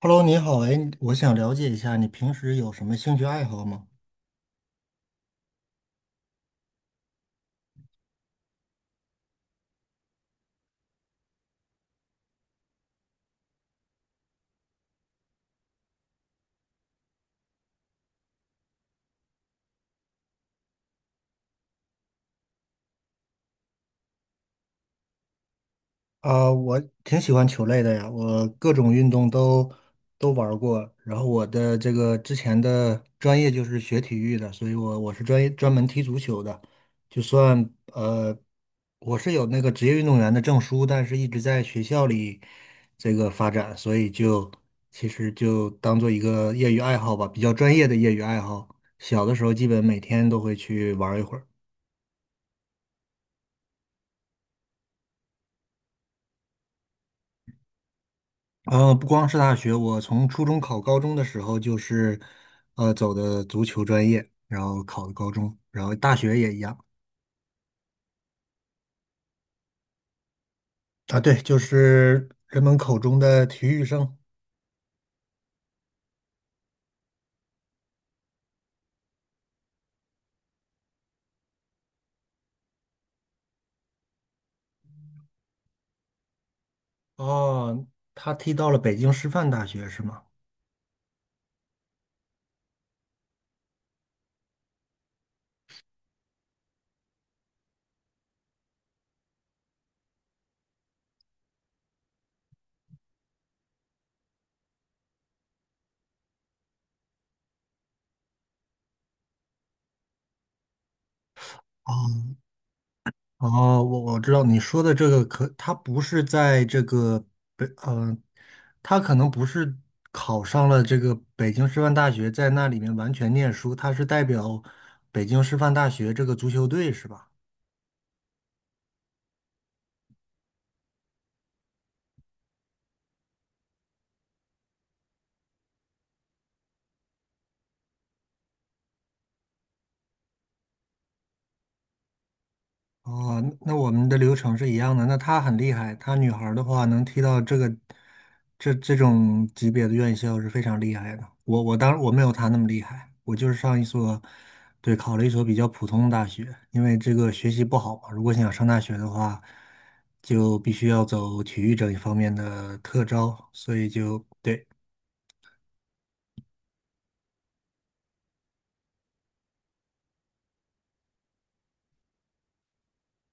Hello，你好，哎，我想了解一下你平时有什么兴趣爱好吗？我挺喜欢球类的呀，我各种运动都玩儿过。然后我的这个之前的专业就是学体育的，所以我是专门踢足球的。就算我是有那个职业运动员的证书，但是一直在学校里这个发展，所以其实就当做一个业余爱好吧，比较专业的业余爱好。小的时候基本每天都会去玩儿一会儿。嗯，不光是大学，我从初中考高中的时候就是，走的足球专业，然后考的高中，然后大学也一样啊。对，就是人们口中的体育生。哦，他踢到了北京师范大学是吗？哦，哦，我知道你说的这个可，他不是在这个北，他可能不是考上了这个北京师范大学，在那里面完全念书，他是代表北京师范大学这个足球队是吧？哦，那我们的流程是一样的。那她很厉害，她女孩儿的话能踢到这个这种级别的院校是非常厉害的。我当然我没有她那么厉害，我就是上一所，对，考了一所比较普通的大学，因为这个学习不好嘛。如果想上大学的话，就必须要走体育这一方面的特招，所以就对。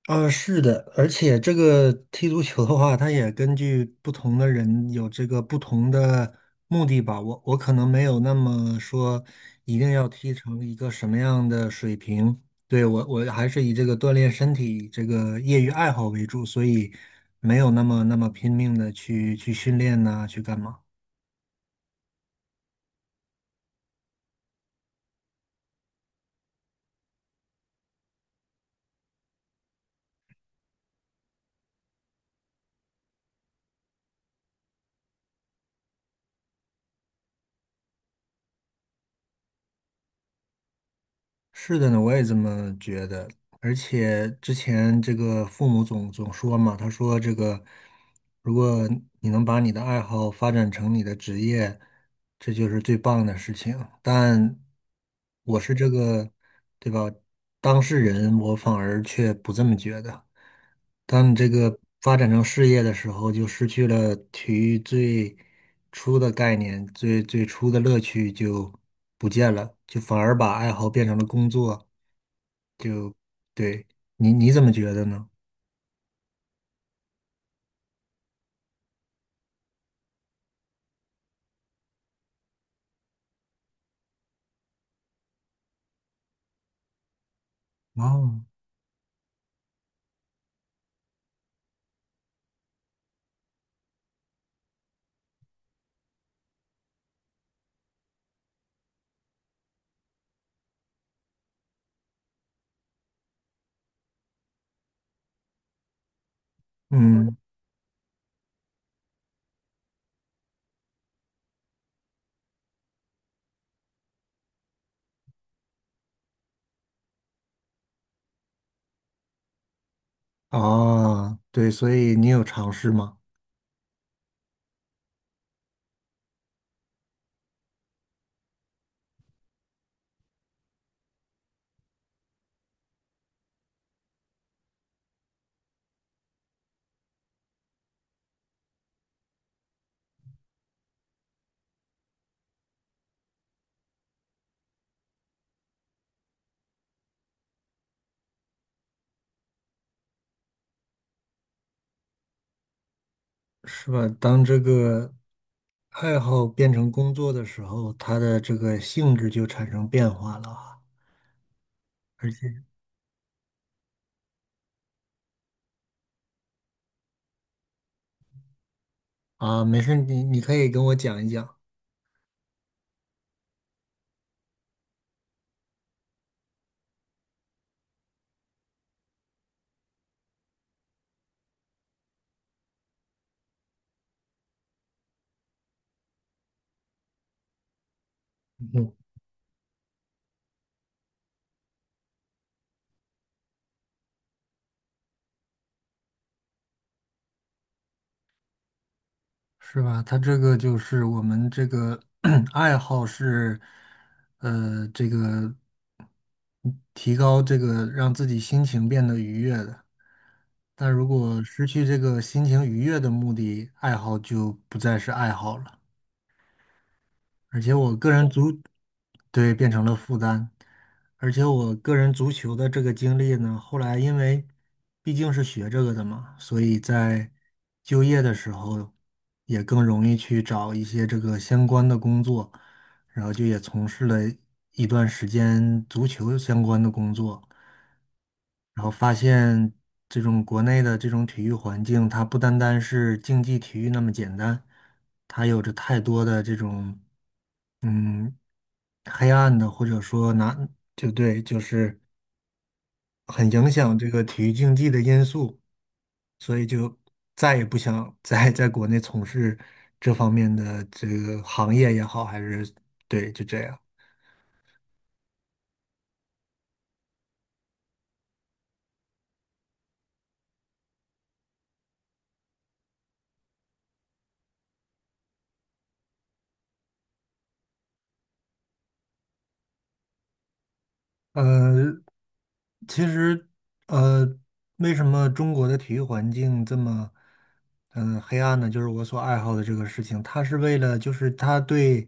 啊，是的，而且这个踢足球的话，它也根据不同的人有这个不同的目的吧。我可能没有那么说一定要踢成一个什么样的水平。对，我还是以这个锻炼身体这个业余爱好为主，所以没有那么拼命的去训练呐、去干嘛。是的呢，我也这么觉得。而且之前这个父母总说嘛，他说这个，如果你能把你的爱好发展成你的职业，这就是最棒的事情。但我是这个，对吧？当事人，我反而却不这么觉得。当你这个发展成事业的时候，就失去了体育最初的概念，最初的乐趣就不见了，就反而把爱好变成了工作。就对你怎么觉得呢？哦，嗯，啊，对，所以你有尝试吗？是吧？当这个爱好变成工作的时候，它的这个性质就产生变化了啊而且啊，没事，你可以跟我讲一讲。是吧？他这个就是我们这个 爱好是，这个提高这个让自己心情变得愉悦的。但如果失去这个心情愉悦的目的，爱好就不再是爱好了。而且我个人足，对，变成了负担。而且我个人足球的这个经历呢，后来因为毕竟是学这个的嘛，所以在就业的时候也更容易去找一些这个相关的工作，然后就也从事了一段时间足球相关的工作，然后发现这种国内的这种体育环境，它不单单是竞技体育那么简单，它有着太多的这种。嗯，黑暗的，或者说难，就对，就是很影响这个体育竞技的因素，所以就再也不想 再在国内从事这方面的这个行业也好，还是对，就这样。呃，其实，呃，为什么中国的体育环境这么，黑暗呢？就是我所爱好的这个事情，它是为了，就是它对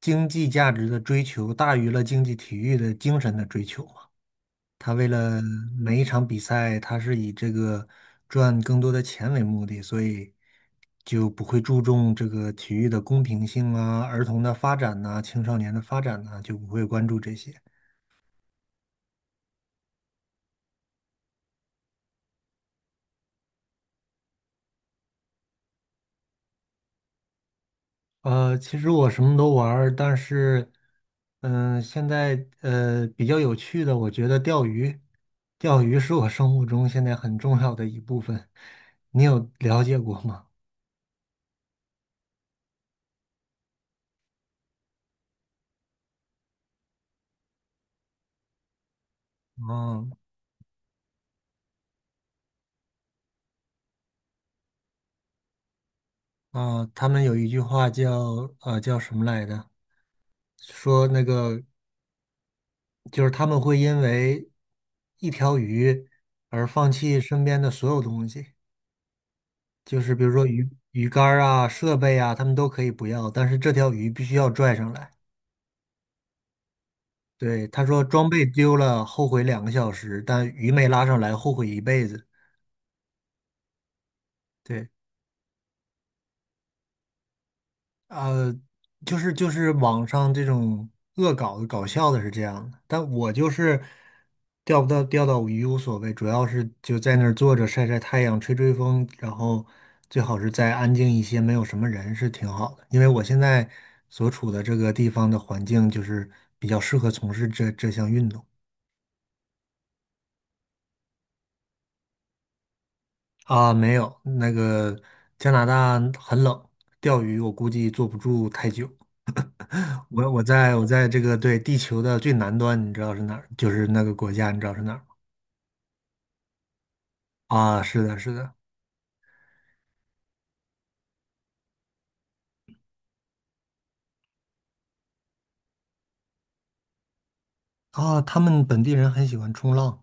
经济价值的追求大于了经济体育的精神的追求嘛。它为了每一场比赛，它是以这个赚更多的钱为目的，所以就不会注重这个体育的公平性啊、儿童的发展呐、青少年的发展呐、就不会关注这些。其实我什么都玩儿但是，现在比较有趣的，我觉得钓鱼，钓鱼是我生活中现在很重要的一部分。你有了解过吗？嗯哦，他们有一句话叫叫什么来着？说那个就是他们会因为一条鱼而放弃身边的所有东西，就是比如说鱼竿儿啊、设备啊，他们都可以不要，但是这条鱼必须要拽上来。对，他说装备丢了后悔2个小时，但鱼没拉上来后悔一辈子。对，呃，就是网上这种恶搞的搞笑的是这样的，但我就是钓不到钓到鱼无所谓，主要是就在那儿坐着晒晒太阳、吹吹风，然后最好是再安静一些，没有什么人是挺好的。因为我现在所处的这个地方的环境就是比较适合从事这项运动。啊，没有，那个加拿大很冷，钓鱼我估计坐不住太久。我在这个对地球的最南端，你知道是哪儿？就是那个国家，你知道是哪儿吗？啊，是的，是的，啊，他们本地人很喜欢冲浪。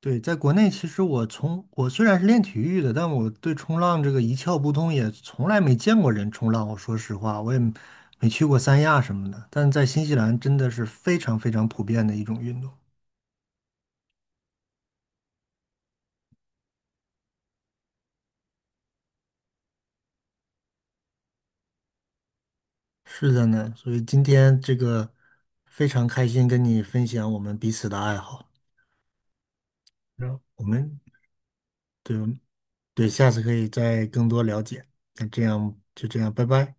对，在国内，其实我从我虽然是练体育的，但我对冲浪这个一窍不通，也从来没见过人冲浪。我说实话，我也没去过三亚什么的，但在新西兰真的是非常非常普遍的一种运动。是的呢，所以今天这个非常开心跟你分享我们彼此的爱好，然我们对对，下次可以再更多了解。那这样就这样，拜拜。